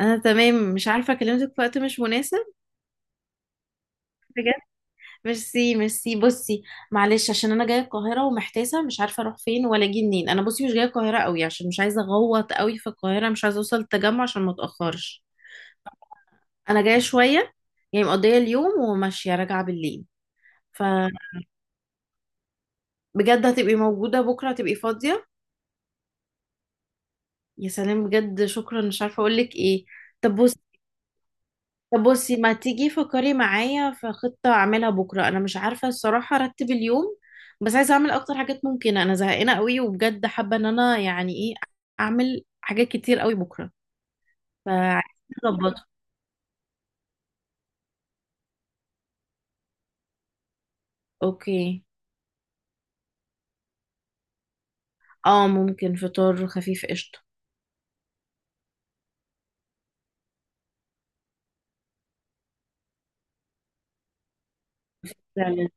انا تمام، مش عارفه كلمتك في وقت مش مناسب؟ بجد؟ ميرسي ميرسي. بصي، معلش عشان انا جايه القاهره ومحتاسه، مش عارفه اروح فين ولا اجي منين. انا بصي مش جايه القاهره قوي عشان مش عايزه اغوط قوي في القاهره، مش عايزه اوصل التجمع عشان ما اتاخرش. انا جايه شويه، يعني مقضيه اليوم وماشيه راجعه بالليل. فبجد، هتبقي موجوده بكره؟ هتبقي فاضيه؟ يا سلام، بجد شكرا، مش عارفه اقول لك ايه. طب بصي، ما تيجي فكري معايا في خطة أعملها بكرة. أنا مش عارفة الصراحة أرتب اليوم، بس عايزة أعمل أكتر حاجات ممكنة. أنا زهقانة قوي وبجد حابة إن أنا يعني إيه، أعمل حاجات كتير قوي بكرة. فعايزة أظبطه. أوكي. أه، ممكن فطار خفيف، قشطة. فعلا.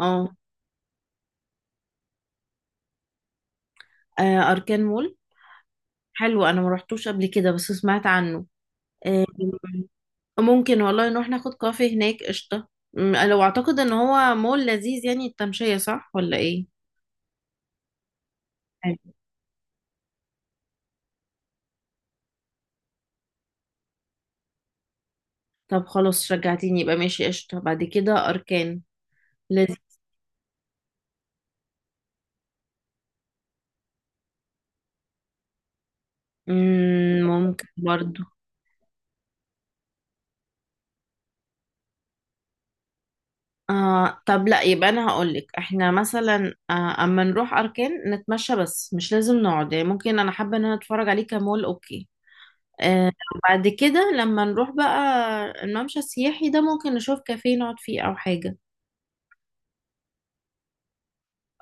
أه. آه، أركان مول. حلو، أنا ما روحتوش قبل كده بس سمعت عنه. آه، ممكن والله نروح ناخد كافي هناك، قشطة. لو أعتقد إن هو مول لذيذ يعني، التمشية صح ولا إيه؟ طب خلاص رجعتيني، يبقى ماشي، قشطة، بعد كده أركان. لازم. ممكن برضو. آه طب لا، يبقى أنا هقولك احنا مثلا أما نروح أركان نتمشى بس مش لازم نقعد، يعني ممكن، أنا حابة إن أنا أتفرج عليه كمول. أوكي. آه. بعد كده لما نروح بقى الممشى السياحي ده، ممكن نشوف كافيه نقعد فيه أو حاجة.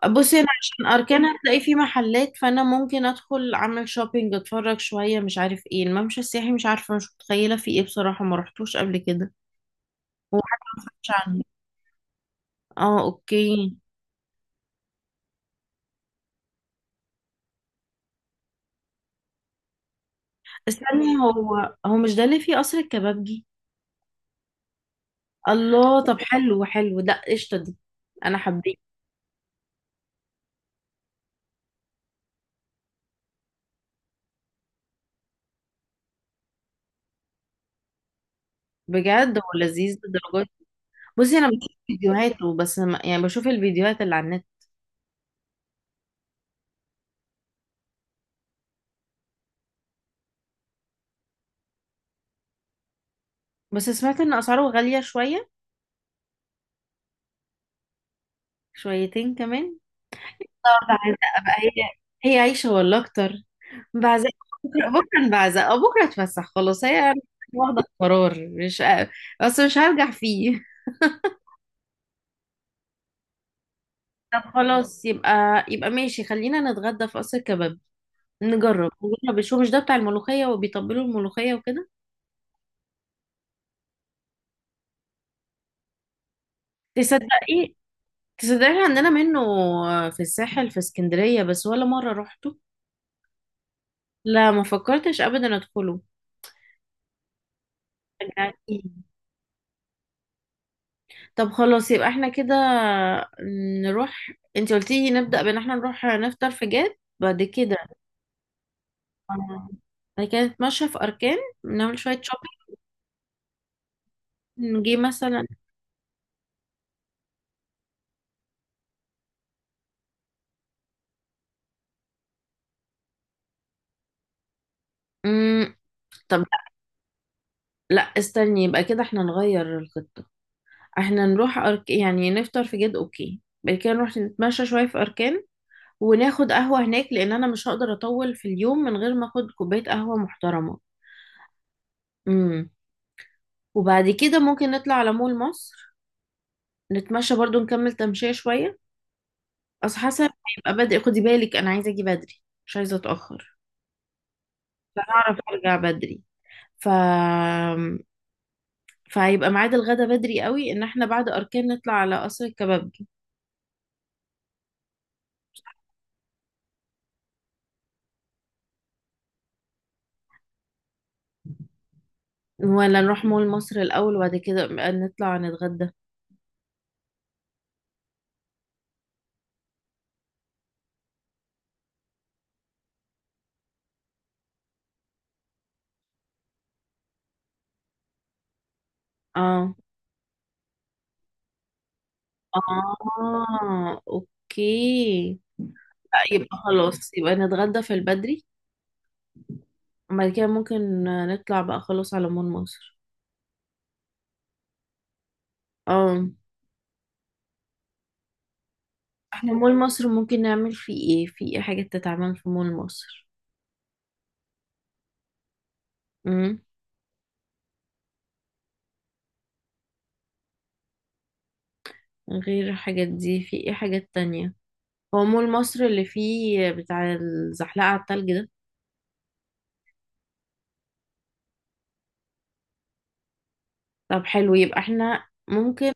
بصي أنا عشان أركان هتلاقي فيه محلات، فأنا ممكن أدخل أعمل شوبينج أتفرج شوية، مش عارف إيه الممشى السياحي، مش عارفة مش متخيلة فيه إيه بصراحة، ما رحتوش قبل كده وحاجة ما سمعتش عنه. اه، اوكي. استني، هو مش ده اللي فيه قصر الكبابجي؟ الله، طب حلو حلو، لا قشطة دي. انا حبيت. بجد هو لذيذ للدرجة دي. بصي انا بشوف فيديوهاته بس يعني بشوف الفيديوهات اللي على النت. بس سمعت ان اسعاره غالية شوية. شويتين كمان. طب بعزقة بقى هي، هي عايشة ولا اكتر؟ بعزقة. بكرة، بكرة بعزقة، بكرة اتفسح خلاص، هي واخدة قرار، مش بس مش هرجع فيه. طب خلاص، يبقى ماشي، خلينا نتغدى في قصر كباب. نجرب نجرب شو، مش ده بتاع الملوخية وبيطبلوا الملوخية وكده؟ تصدقي تصدقي عندنا منه، في الساحل في اسكندرية، بس ولا مرة روحته. لا، ما فكرتش ابدا ادخله. رجعتيني. طب خلاص، يبقى احنا كده نروح، انت قلتي نبدأ بان احنا نروح نفطر في جاد، بعد كده. آه، بعد كده نتمشى في اركان، نعمل شوية شوبينج، نجي مثلا. مم، طب لا استني، يبقى كده احنا نغير الخطة. احنا نروح يعني نفطر في جد، اوكي. بعد كده نروح نتمشى شوية في أركان، وناخد قهوة هناك، لأن أنا مش هقدر أطول في اليوم من غير ما أخد كوباية قهوة محترمة. امم. وبعد كده ممكن نطلع على مول مصر، نتمشى برضو نكمل تمشية شوية. أصل حسب هيبقى بدري. خدي بالك، أنا عايزة أجي بدري، مش عايزة أتأخر. أعرف أرجع بدري. ف فهيبقى ميعاد الغدا بدري قوي إن احنا بعد أركان نطلع على قصر الكبابجي، ولا نروح مول مصر الأول وبعد كده بقى نطلع نتغدى. اه. اه اوكي. لا، يبقى خلاص، يبقى نتغدى في البدري، وبعد كده ممكن نطلع بقى خلاص على مول مصر. اه. احنا مول مصر ممكن نعمل فيه ايه، في ايه حاجات تتعمل في مول مصر؟ امم. غير الحاجات دي، في ايه حاجات تانية؟ هو مول مصر اللي فيه بتاع الزحلقة على التلج ده؟ طب حلو، يبقى احنا ممكن.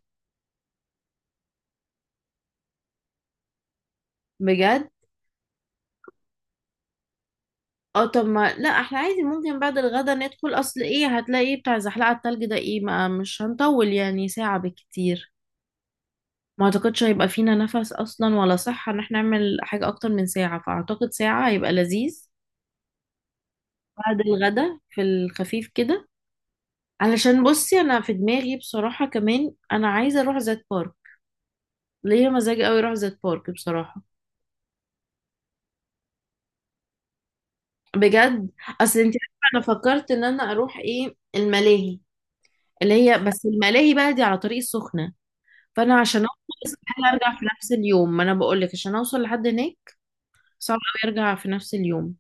بجد؟ اه طب ما، لا احنا عادي، ممكن بعد الغدا ندخل، اصل ايه هتلاقي بتاع زحلقة التلج ده ايه، ما مش هنطول يعني، ساعة بالكتير. ما اعتقدش هيبقى فينا نفس اصلا ولا صحة ان احنا نعمل حاجة اكتر من ساعة، فاعتقد ساعة هيبقى لذيذ، بعد الغدا، في الخفيف كده. علشان بصي، انا في دماغي بصراحة كمان انا عايزة اروح زيت بارك. ليا مزاج قوي اروح زيت بارك بصراحة. بجد. اصل انت عارفة، انا فكرت ان انا اروح ايه الملاهي، اللي هي بس الملاهي بقى دي على طريق السخنة. فانا عشان اوصل استحاله ارجع في نفس اليوم، ما انا بقول لك عشان اوصل لحد هناك صعب قوي ارجع في نفس اليوم.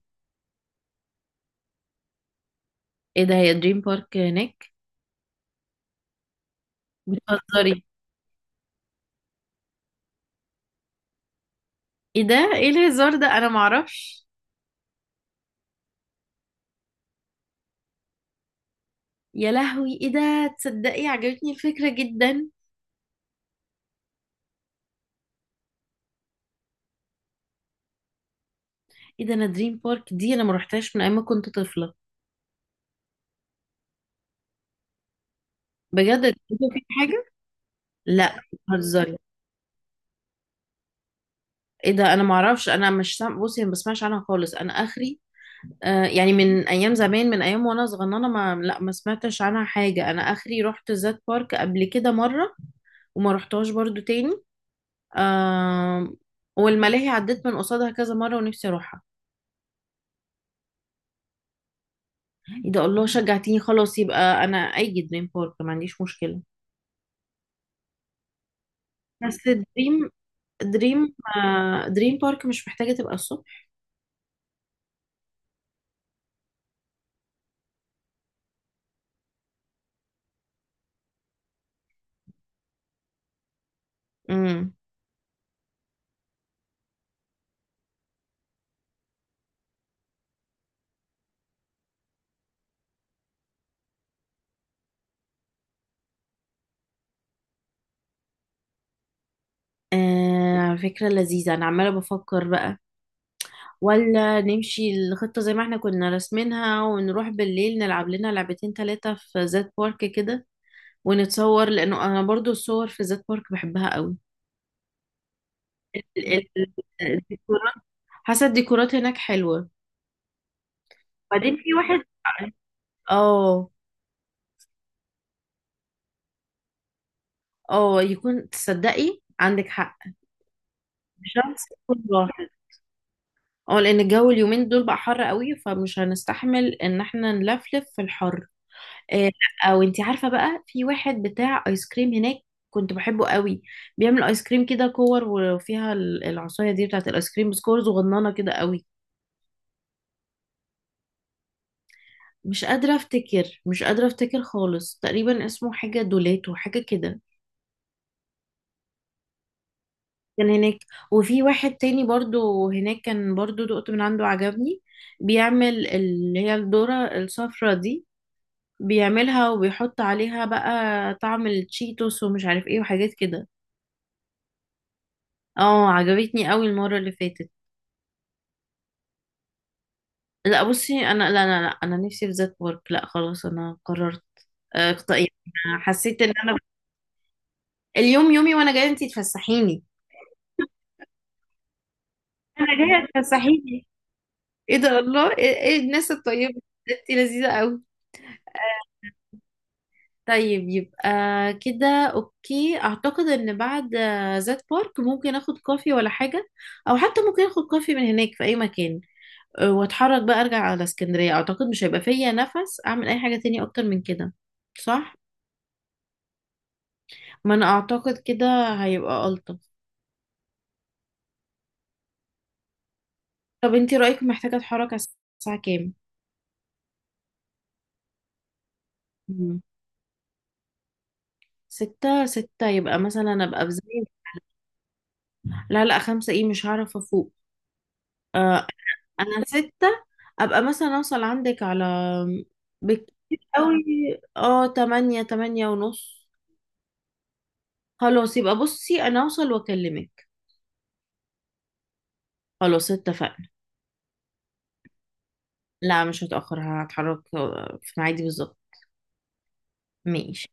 ايه ده، هي دريم بارك هناك؟ بتهزري؟ ايه ده، ايه الهزار ده، انا معرفش. يا لهوي، ايه ده. تصدقي عجبتني الفكره جدا. ايه ده، انا دريم بارك دي انا ما رحتهاش من ايام ما كنت طفله. بجد، إيه ده. في حاجه. لا بتهزري. ايه ده، انا معرفش، انا مش سام... بصي، أنا ما بسمعش عنها خالص، انا اخري. آه، يعني من ايام زمان، من ايام وانا صغننه، ما لا، ما سمعتش عنها حاجه، انا اخري رحت زاد بارك قبل كده مره، وما رحتهاش برضو تاني. آم، والملاهي عديت من قصادها كذا مره ونفسي اروحها. ايه ده، الله شجعتيني، خلاص يبقى انا، اي دريم بارك ما عنديش مشكله. بس دريم دريم آه، دريم بارك مش محتاجه تبقى الصبح. امم. آه، فكره لذيذه، انا عماله بفكر بقى، ولا نمشي الخطة زي ما احنا كنا راسمينها ونروح بالليل نلعب لنا لعبتين 3 في زاد بارك كده، ونتصور، لأنه أنا برضو الصور في زاد بارك بحبها قوي. ال- ال- الديكورات، حاسة الديكورات هناك حلوة. بعدين في واحد. اه. اه يكون، تصدقي عندك حق، شمس يكون راحت. اه، لأن الجو اليومين دول بقى حر قوي، فمش هنستحمل إن احنا نلفلف في الحر. آه، لا وانتي عارفه بقى، في واحد بتاع ايس كريم هناك كنت بحبه قوي، بيعمل ايس كريم كده كور، وفيها العصايه دي بتاعت الايس كريم، بس كور صغننه كده قوي. مش قادره افتكر خالص، تقريبا اسمه حاجه دولاتو، حاجه كده، كان هناك. وفي واحد تاني برضو هناك كان برضو دقت من عنده، عجبني، بيعمل اللي هي الذره الصفرا دي، بيعملها وبيحط عليها بقى طعم التشيتوس ومش عارف ايه وحاجات كده. اه عجبتني قوي المرة اللي فاتت. لا بصي انا، لا لا لا، انا نفسي في ذات ورك. لا خلاص انا قررت. آه، حسيت ان انا اليوم يومي، وانا جايه انتي تفسحيني. انا جايه تفسحيني. ايه ده، الله، إيه الناس الطيبه دي؟ انتي لذيذه قوي. طيب يبقى كده، اوكي، اعتقد ان بعد ذات بارك ممكن اخد كوفي ولا حاجه، او حتى ممكن اخد كوفي من هناك في اي مكان، واتحرك بقى ارجع على اسكندريه، اعتقد مش هيبقى فيا نفس اعمل اي حاجه تاني اكتر من كده. صح. ما انا اعتقد كده هيبقى الطف. طب انتي رايك، محتاجه اتحرك على الساعه كام؟ مم. 6، 6 يبقى مثلا ابقى في زي. لا لا، 5 ايه، مش هعرف افوق. آه. انا 6، ابقى مثلا اوصل عندك على. بكتير قوي. اه، 8، 8:30. خلاص، يبقى بصي انا اوصل واكلمك. خلاص اتفقنا. لا، مش هتأخر، هتحرك في ميعادي بالظبط. ماشي.